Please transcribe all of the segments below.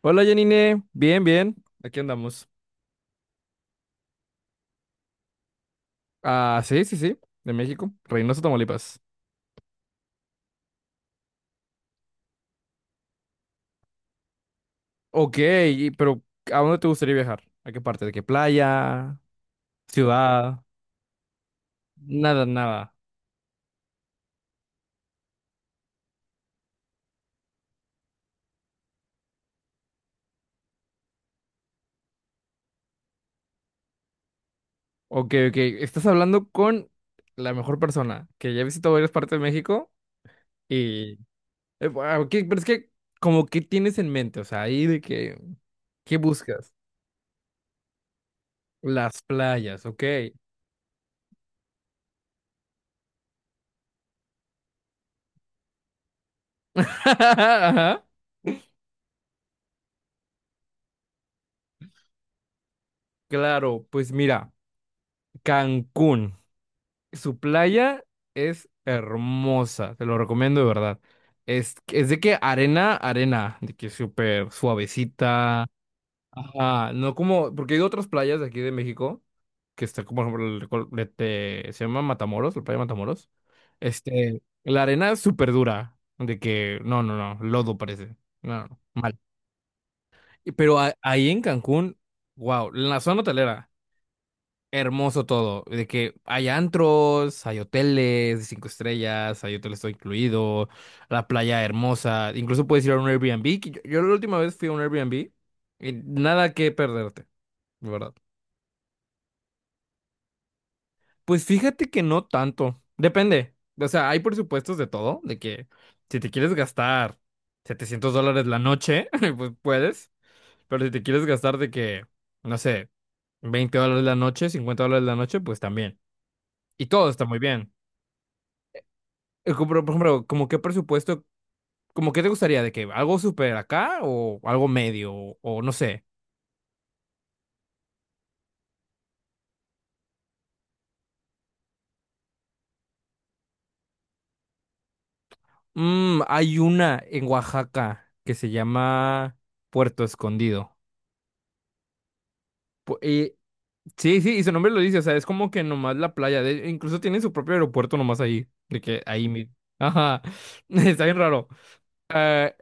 Hola Janine, bien, bien, aquí andamos. Ah, sí, sí, sí, de México, Reynosa, Tamaulipas. Ok, pero ¿a dónde te gustaría viajar? ¿A qué parte? ¿De qué playa? ¿Ciudad? Nada, nada. Ok, ok, estás hablando con la mejor persona, que ya he visitado varias partes de México y... bueno, ok, pero es que, como, ¿qué tienes en mente? O sea, ahí de que... ¿Qué buscas? Las playas, ok. Ajá. Claro, pues mira, Cancún. Su playa es hermosa, te lo recomiendo de verdad. Es de que arena, arena, de que súper suavecita. Ajá, no como, porque hay otras playas de aquí de México, que está como, por ejemplo, el col- de- se llama Matamoros, la playa de Matamoros. Este, la arena es súper dura, de que, no, no, no, lodo parece. No, no, no, mal. Pero ahí en Cancún, wow, en la zona hotelera hermoso todo, de que hay antros, hay hoteles de 5 estrellas, hay hoteles todo incluido, la playa hermosa, incluso puedes ir a un Airbnb, que yo la última vez fui a un Airbnb y nada que perderte, de verdad. Pues fíjate que no tanto, depende, o sea, hay presupuestos de todo, de que si te quieres gastar $700 la noche, pues puedes, pero si te quieres gastar de que, no sé, $20 la noche, $50 la noche, pues también. Y todo está muy bien. Como por ejemplo, como qué presupuesto, como qué te gustaría de que algo súper acá o algo medio o no sé. Hay una en Oaxaca que se llama Puerto Escondido. Pu- Y, sí, sí, y su nombre lo dice, o sea, es como que nomás la playa, incluso tiene su propio aeropuerto nomás ahí, de que ahí ajá, está bien raro. Eh,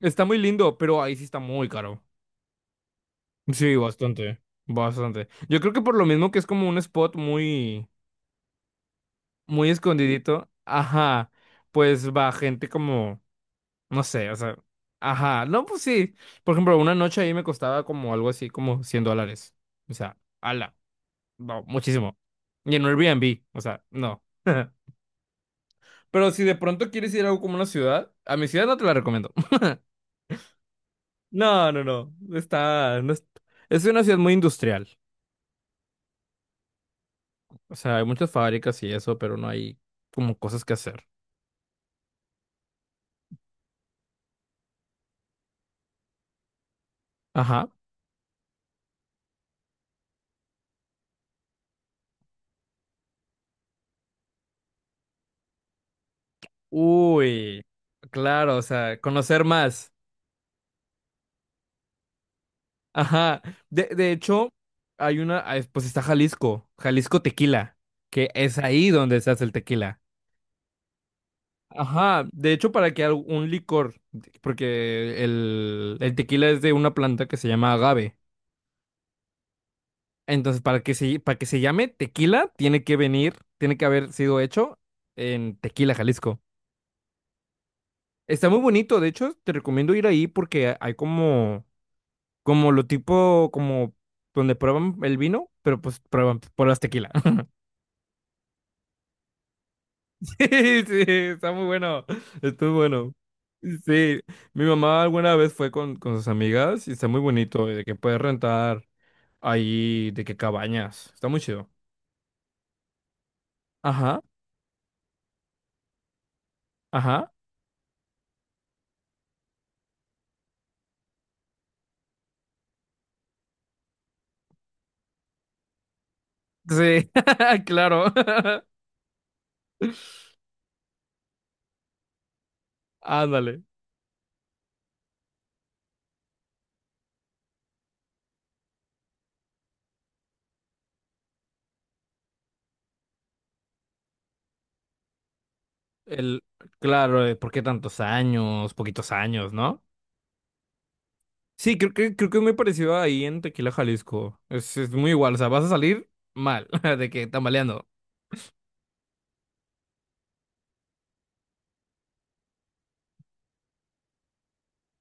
está muy lindo, pero ahí sí está muy caro. Sí, bastante, bastante. Yo creo que por lo mismo que es como un spot muy escondidito, ajá, pues va gente como, no sé, o sea, ajá, no, pues sí, por ejemplo, una noche ahí me costaba como algo así como $100, o sea, ala, no, muchísimo, y en un Airbnb, o sea, no. Pero si de pronto quieres ir a algo como una ciudad, a mi ciudad no te la recomiendo, no, no, no, está, no es, es una ciudad muy industrial, o sea, hay muchas fábricas y eso, pero no hay como cosas que hacer, ajá, uy, claro, o sea, conocer más. Ajá. De hecho, hay una, pues está Jalisco, Jalisco Tequila, que es ahí donde se hace el tequila. Ajá. De hecho, para que un licor, porque el tequila es de una planta que se llama agave. Entonces, para que se llame tequila, tiene que venir, tiene que haber sido hecho en Tequila, Jalisco. Está muy bonito, de hecho, te recomiendo ir ahí porque hay como, lo tipo, como donde prueban el vino, pero pues prueban, pruebas tequila. Sí, está muy bueno. Está muy bueno. Sí, mi mamá alguna vez fue con sus amigas y está muy bonito, y de que puedes rentar ahí, de que cabañas. Está muy chido. Ajá, ajá. Sí, claro. Ándale. El, claro, de por qué tantos años, poquitos años, ¿no? Sí, creo que es muy parecido ahí en Tequila, Jalisco. Es muy igual, o sea, vas a salir mal, de que tambaleando.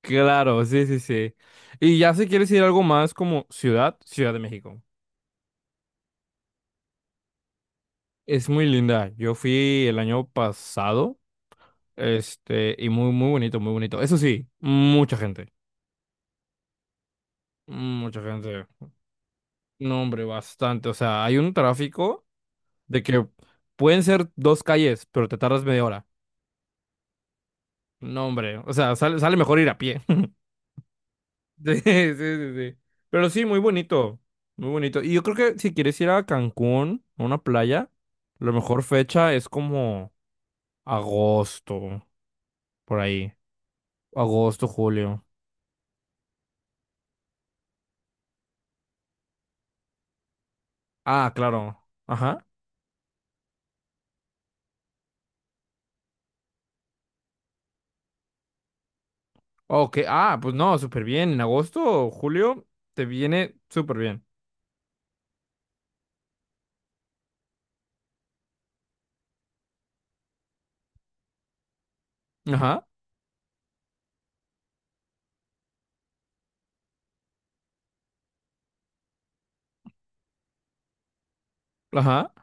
Claro, sí, sí, sí. Y ya si quieres ir a algo más como ciudad, Ciudad de México. Es muy linda. Yo fui el año pasado, este, y muy, muy bonito, muy bonito. Eso sí, mucha gente, mucha gente. No, hombre, bastante. O sea, hay un tráfico de que pueden ser dos calles, pero te tardas media hora. No, hombre, o sea, sale mejor ir a pie. Sí, sí, sí, sí. Pero sí, muy bonito, muy bonito. Y yo creo que si quieres ir a Cancún, a una playa, la mejor fecha es como agosto, por ahí. Agosto, julio. Ah, claro. Ajá. Ok, ah, pues no, súper bien. En agosto, o julio, te viene súper bien. Ajá, ajá.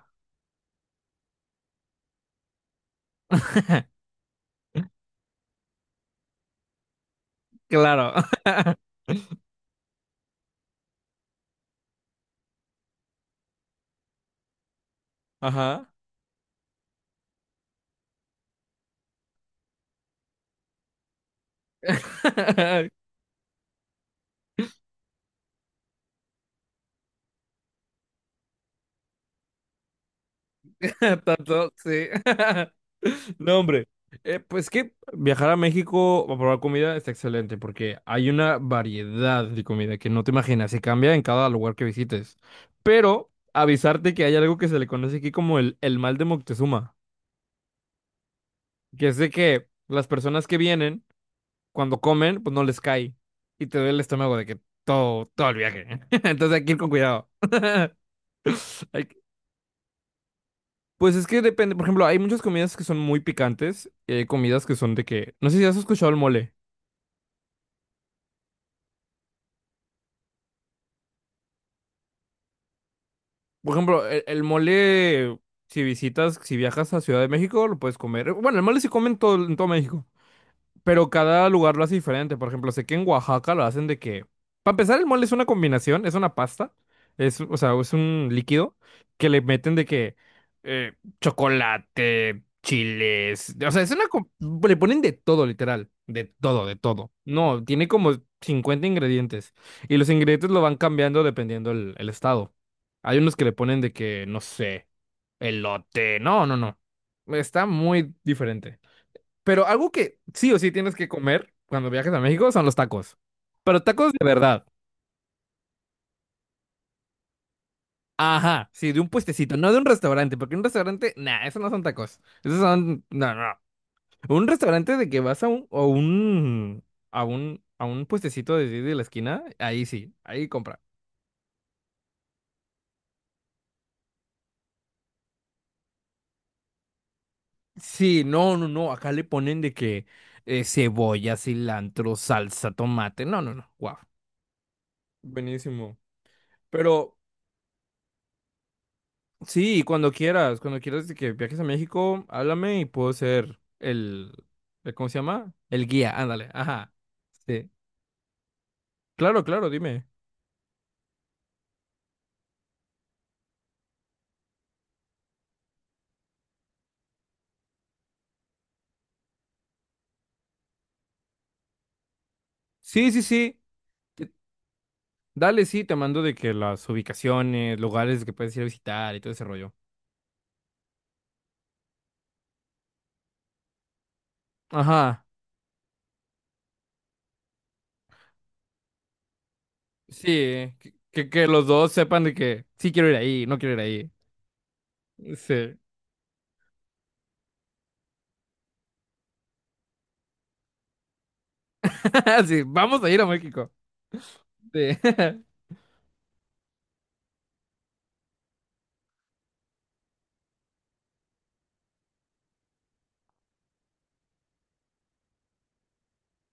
Claro. Ajá. Tanto, sí. No, hombre. Pues que viajar a México a probar comida está excelente porque hay una variedad de comida que no te imaginas y cambia en cada lugar que visites. Pero avisarte que hay algo que se le conoce aquí como el mal de Moctezuma, que es de que las personas que vienen, cuando comen, pues no les cae y te duele el estómago de que todo, todo el viaje. Entonces hay que ir con cuidado. Hay que- pues es que depende, por ejemplo, hay muchas comidas que son muy picantes y hay comidas que son de que, no sé si has escuchado el mole. Por ejemplo, el mole, si visitas, si viajas a Ciudad de México, lo puedes comer. Bueno, el mole se come en todo México. Pero cada lugar lo hace diferente. Por ejemplo, sé que en Oaxaca lo hacen de que. Para empezar, el mole es una combinación, es una pasta. Es, o sea, es un líquido que le meten de que eh, chocolate, chiles. O sea, es una. Le ponen de todo, literal. De todo, de todo. No, tiene como 50 ingredientes. Y los ingredientes lo van cambiando dependiendo el estado. Hay unos que le ponen de que, no sé, elote. No, no, no. Está muy diferente. Pero algo que sí o sí tienes que comer cuando viajes a México son los tacos. Pero tacos de verdad. Ajá, sí, de un puestecito, no de un restaurante, porque un restaurante, nah, esos no son tacos. Esos son, no, no. No. Un restaurante de que vas a un, o un, a un, puestecito de la esquina, ahí sí, ahí compra. Sí, no, no, no, acá le ponen de que cebolla, cilantro, salsa, tomate. No, no, no, wow. Buenísimo. Pero sí, cuando quieras de que viajes a México, háblame y puedo ser ¿cómo se llama? El guía, ándale, ajá. Sí. Claro, claro, dime. Sí, sí, sí. te- Dale, sí, te mando de que las ubicaciones, lugares que puedes ir a visitar y todo ese rollo. Ajá. Sí, que los dos sepan de que sí quiero ir ahí, no quiero ir ahí. Sí. Sí, vamos a ir a México. Sí.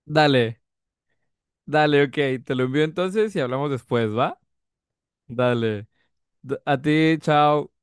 Dale, dale, ok. Te lo envío entonces y hablamos después, ¿va? Dale. A ti, chao.